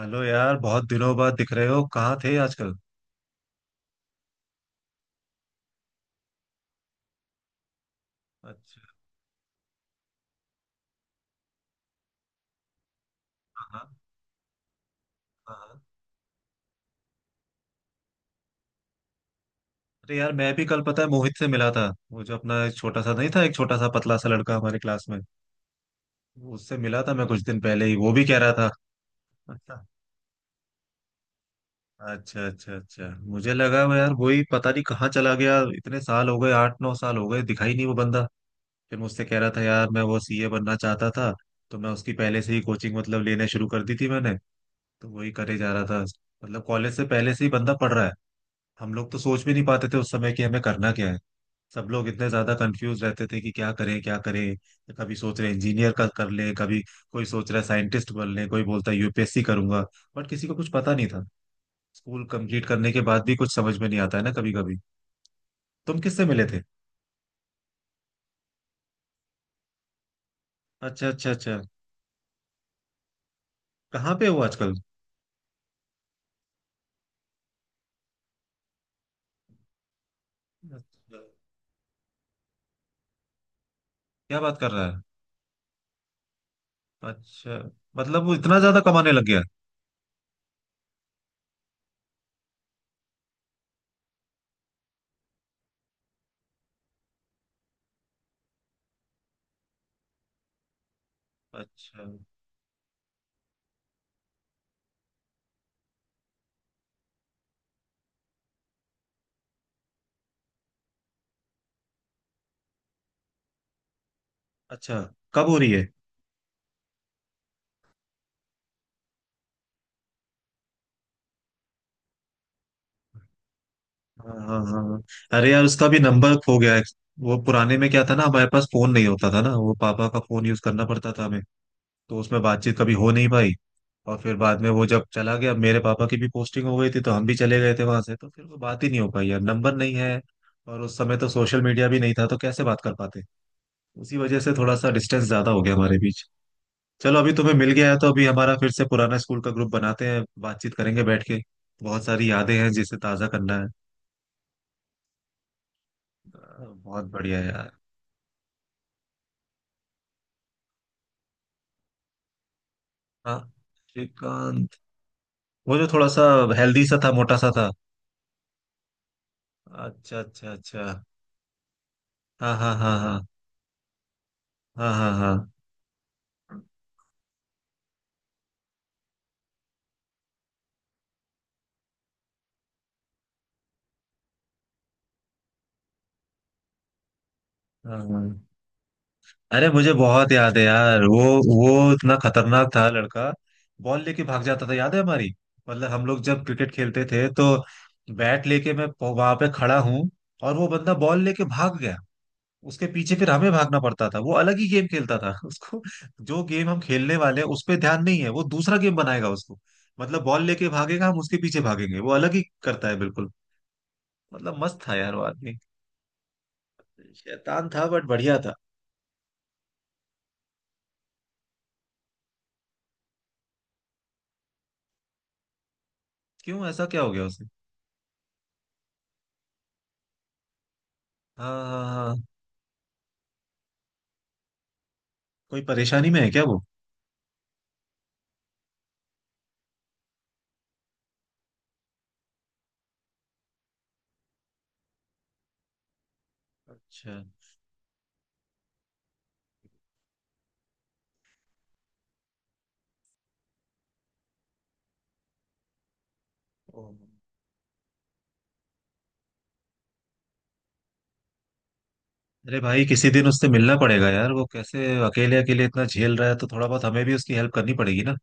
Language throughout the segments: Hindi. हेलो यार, बहुत दिनों बाद दिख रहे हो। कहाँ थे आजकल? अच्छा। हाँ। हाँ। अरे यार, मैं भी कल पता है मोहित से मिला था। वो जो अपना एक छोटा सा, नहीं था, एक छोटा सा पतला सा लड़का हमारे क्लास में, उससे मिला था मैं कुछ दिन पहले ही। वो भी कह रहा था। अच्छा अच्छा अच्छा। अच्छा। मुझे लगा वो यार वही, पता नहीं कहाँ चला गया, इतने साल हो गए, 8-9 साल हो गए, दिखाई नहीं वो बंदा। फिर मुझसे कह रहा था यार, मैं वो सीए बनना चाहता था, तो मैं उसकी पहले से ही कोचिंग मतलब लेना शुरू कर दी थी मैंने। तो वही करे जा रहा था, मतलब कॉलेज से पहले से ही बंदा पढ़ रहा है। हम लोग तो सोच भी नहीं पाते थे उस समय कि हमें करना क्या है। सब लोग इतने ज्यादा कंफ्यूज रहते थे कि क्या करें क्या करें, कभी सोच रहे इंजीनियर का कर ले, कभी कोई सोच रहा है साइंटिस्ट बन ले, कोई बोलता है यूपीएससी करूंगा, बट किसी को कुछ पता नहीं था। स्कूल कंप्लीट करने के बाद भी कुछ समझ में नहीं आता है ना, कभी कभी। तुम किससे मिले थे? अच्छा अच्छा अच्छा। कहाँ पे हो आजकल? अच्छा। क्या बात कर रहा है! अच्छा। मतलब वो इतना ज्यादा कमाने लग गया? अच्छा। अच्छा कब हो रही है? हाँ हाँ हाँ। अरे यार, उसका भी नंबर खो गया है। वो पुराने में क्या था ना, हमारे पास फोन नहीं होता था ना, वो पापा का फोन यूज करना पड़ता था हमें। तो उसमें बातचीत कभी हो नहीं पाई। और फिर बाद में वो जब चला गया, मेरे पापा की भी पोस्टिंग हो गई थी, तो हम भी चले गए थे वहां से, तो फिर वो बात ही नहीं हो पाई यार, नंबर नहीं है। और उस समय तो सोशल मीडिया भी नहीं था, तो कैसे बात कर पाते। उसी वजह से थोड़ा सा डिस्टेंस ज्यादा हो गया हमारे बीच। चलो, अभी तुम्हें मिल गया है तो अभी हमारा फिर से पुराना स्कूल का ग्रुप बनाते हैं, बातचीत करेंगे बैठ के। बहुत सारी यादें हैं जिसे ताजा करना है। बहुत बढ़िया यार। हाँ। श्रीकांत। वो जो थोड़ा सा हेल्दी सा था, मोटा सा था। अच्छा अच्छा अच्छा। हाँ हाँ हाँ हाँ हाँ हाँ। हाँ हाँ, हाँ। अरे मुझे बहुत याद है यार वो। वो इतना खतरनाक था लड़का। बॉल लेके भाग जाता था, याद है हमारी? मतलब हम लोग जब क्रिकेट खेलते थे तो बैट लेके मैं वहां पे खड़ा हूँ, और वो बंदा बॉल लेके भाग गया। उसके पीछे फिर हमें भागना पड़ता था, वो अलग ही गेम खेलता था उसको। जो गेम हम खेलने वाले हैं उस पे ध्यान नहीं है, वो दूसरा गेम बनाएगा उसको। मतलब बॉल लेके भागेगा, हम उसके पीछे भागेंगे, वो अलग ही करता है बिल्कुल। मतलब मस्त था यार वो आदमी। शैतान था बट बढ़िया था। क्यों ऐसा क्या हो गया उसे? हाँ हाँ हाँ। कोई परेशानी में है क्या वो? अच्छा। ओ। अरे भाई, किसी दिन उससे मिलना पड़ेगा यार, वो कैसे अकेले अकेले इतना झेल रहा है, तो थोड़ा बहुत हमें भी उसकी हेल्प करनी पड़ेगी ना।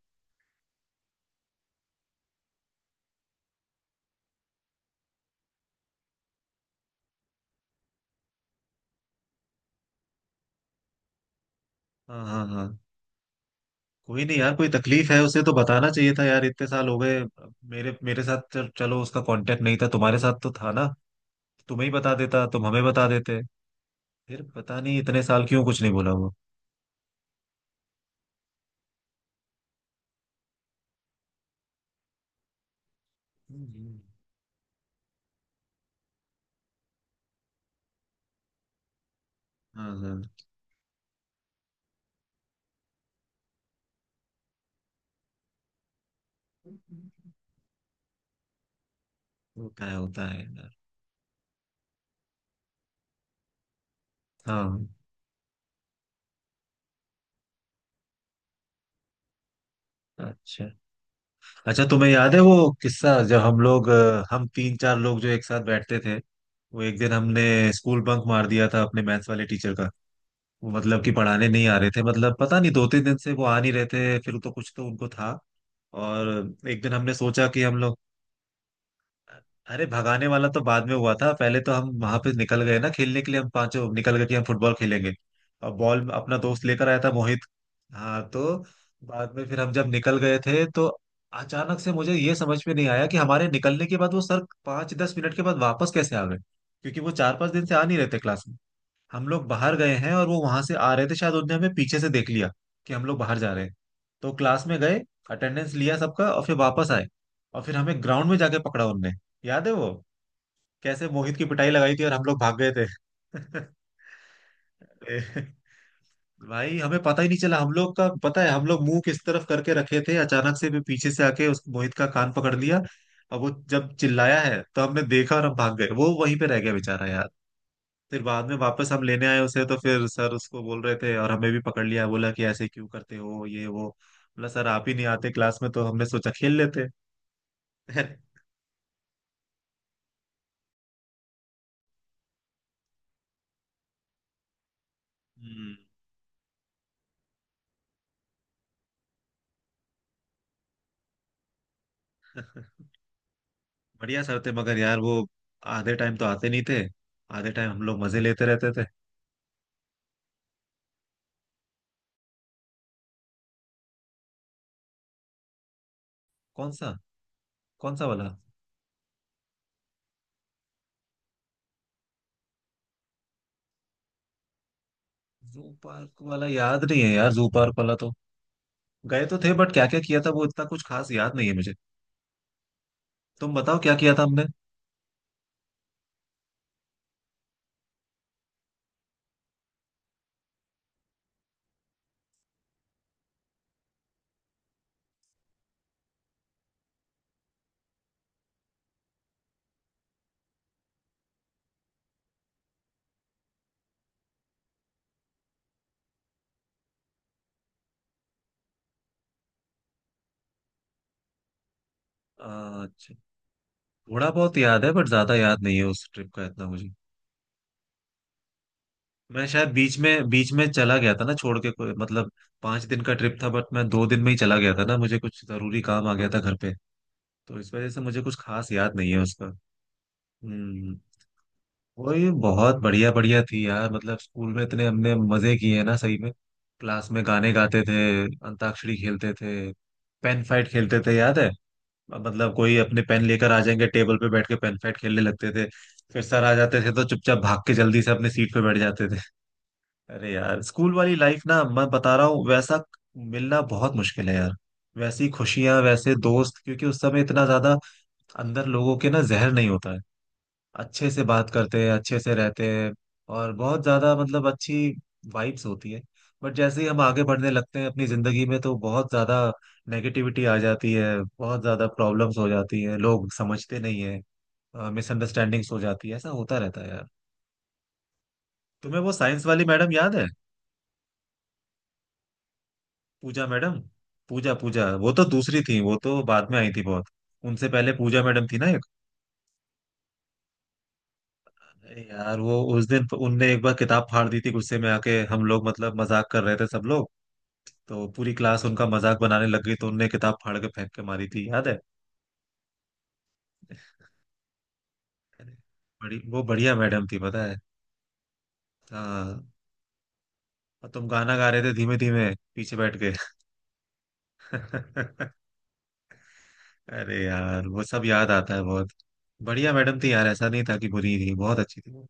हाँ हाँ हाँ। कोई नहीं यार, कोई तकलीफ है उसे तो बताना चाहिए था यार, इतने साल हो गए। मेरे मेरे साथ चलो, उसका कांटेक्ट नहीं था, तुम्हारे साथ तो था ना। तुम्हें ही बता देता, तुम हमें बता देते। फिर पता नहीं इतने साल क्यों कुछ नहीं बोला वो। हम्म। हाँ हाँ। होता है यार। हाँ। अच्छा। अच्छा, तुम्हें याद है वो किस्सा जब हम लोग हम तीन चार लोग जो एक साथ बैठते थे, वो एक दिन हमने स्कूल बंक मार दिया था अपने मैथ्स वाले टीचर का। वो मतलब कि पढ़ाने नहीं आ रहे थे, मतलब पता नहीं 2-3 दिन से वो आ नहीं रहे थे, फिर तो कुछ तो उनको था। और एक दिन हमने सोचा कि हम लोग। अरे, भगाने वाला तो बाद में हुआ था, पहले तो हम वहां पे निकल गए ना खेलने के लिए, हम पांचों निकल गए कि हम फुटबॉल खेलेंगे। और बॉल अपना दोस्त लेकर आया था, मोहित। हाँ तो बाद में फिर हम जब निकल गए थे तो अचानक से मुझे ये समझ में नहीं आया कि हमारे निकलने के बाद वो सर 5-10 मिनट के बाद वापस कैसे आ गए। क्योंकि वो 4-5 दिन से आ नहीं रहे थे क्लास में। हम लोग बाहर गए हैं और वो वहां से आ रहे थे, शायद उनने हमें पीछे से देख लिया कि हम लोग बाहर जा रहे हैं। तो क्लास में गए, अटेंडेंस लिया सबका, और फिर वापस आए। और फिर हमें ग्राउंड में जाके पकड़ा उनने। याद है वो? कैसे मोहित की पिटाई लगाई थी और हम लोग भाग गए थे अरे भाई, हमें पता ही नहीं चला, हम लोग का पता है हम लोग मुंह किस तरफ करके रखे थे, अचानक से भी पीछे से आके उस मोहित का कान पकड़ लिया। और वो जब चिल्लाया है तो हमने देखा, और हम भाग गए, वो वहीं पे रह गया बेचारा यार। फिर बाद में वापस हम लेने आए उसे, तो फिर सर उसको बोल रहे थे और हमें भी पकड़ लिया, बोला कि ऐसे क्यों करते हो ये वो। बोला, सर आप ही नहीं आते क्लास में, तो हमने सोचा खेल लेते। हम्म। बढ़िया सर थे मगर यार वो आधे टाइम तो आते नहीं थे। आधे टाइम हम लोग मजे लेते रहते थे। कौन सा? कौन सा वाला? जू पार्क वाला याद नहीं है यार, जू पार्क वाला तो गए तो थे, बट क्या क्या किया था वो इतना कुछ खास याद नहीं है मुझे। तुम बताओ क्या किया था हमने। अच्छा। थोड़ा बहुत याद है, बट ज्यादा याद नहीं है उस ट्रिप का इतना मुझे। मैं शायद बीच में चला गया था ना, छोड़ के, कोई मतलब 5 दिन का ट्रिप था बट मैं 2 दिन में ही चला गया था ना, मुझे कुछ जरूरी काम आ गया था घर पे। तो इस वजह से मुझे कुछ खास याद नहीं है उसका। हम्म। वही बहुत बढ़िया बढ़िया थी यार, मतलब स्कूल में इतने हमने मजे किए हैं ना सही में। क्लास में गाने गाते थे, अंताक्षरी खेलते थे, पेन फाइट खेलते थे, याद है? मतलब कोई अपने पेन लेकर आ जाएंगे, टेबल पे बैठ के पेन फाइट खेलने लगते थे। फिर सर आ जाते थे तो चुपचाप भाग के जल्दी से अपने सीट पे बैठ जाते। अरे यार, स्कूल वाली लाइफ ना, मैं बता रहा हूँ वैसा मिलना बहुत मुश्किल है यार। वैसी खुशियां, वैसे दोस्त, क्योंकि उस समय इतना ज्यादा अंदर लोगों के ना जहर नहीं होता है। अच्छे से बात करते हैं, अच्छे से रहते हैं, और बहुत ज्यादा मतलब अच्छी वाइब्स होती है। बट जैसे ही हम आगे बढ़ने लगते हैं अपनी जिंदगी में, तो बहुत ज्यादा नेगेटिविटी आ जाती है, बहुत ज्यादा प्रॉब्लम्स हो जाती है, लोग समझते नहीं है, मिसअंडरस्टैंडिंग्स हो जाती है, ऐसा होता रहता है यार। तुम्हें वो साइंस वाली मैडम याद है? पूजा मैडम। पूजा, पूजा वो तो दूसरी थी, वो तो बाद में आई थी बहुत। उनसे पहले पूजा मैडम थी ना एक। अरे यार, वो उस दिन उनने एक बार किताब फाड़ दी थी गुस्से में आके, हम लोग मतलब मजाक कर रहे थे सब लोग। तो पूरी क्लास उनका मजाक बनाने लग गई, तो उनने किताब फाड़ के फेंक के मारी थी, याद है? अरे, बड़ी वो बढ़िया मैडम थी पता है। हाँ। और तुम गाना गा रहे थे धीमे धीमे, पीछे बैठ के। अरे यार वो सब याद आता है बहुत। बढ़िया मैडम थी यार, ऐसा नहीं था कि बुरी थी, बहुत अच्छी थी वो।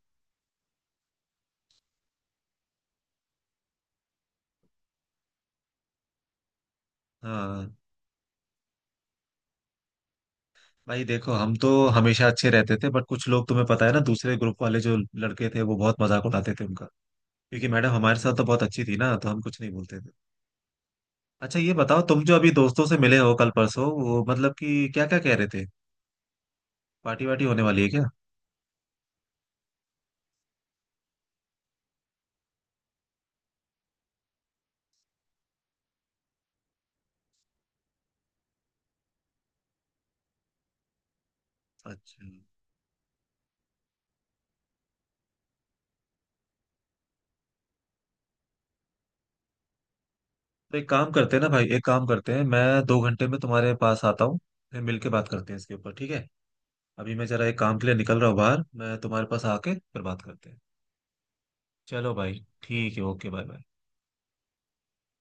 हाँ भाई, देखो हम तो हमेशा अच्छे रहते थे, बट कुछ लोग तुम्हें पता है ना, दूसरे ग्रुप वाले जो लड़के थे वो बहुत मजाक उड़ाते थे उनका। क्योंकि मैडम हमारे साथ तो बहुत अच्छी थी ना, तो हम कुछ नहीं बोलते थे। अच्छा ये बताओ, तुम जो अभी दोस्तों से मिले हो कल परसों, वो मतलब कि क्या क्या कह रहे थे? पार्टी वार्टी होने वाली है क्या? अच्छा। तो एक काम करते हैं ना भाई, एक काम करते हैं, मैं 2 घंटे में तुम्हारे पास आता हूँ, फिर मिल के बात करते हैं इसके ऊपर, ठीक है? अभी मैं जरा एक काम के लिए निकल रहा हूँ बाहर, मैं तुम्हारे पास आके फिर बात करते हैं। चलो भाई, ठीक है, ओके, बाय बाय।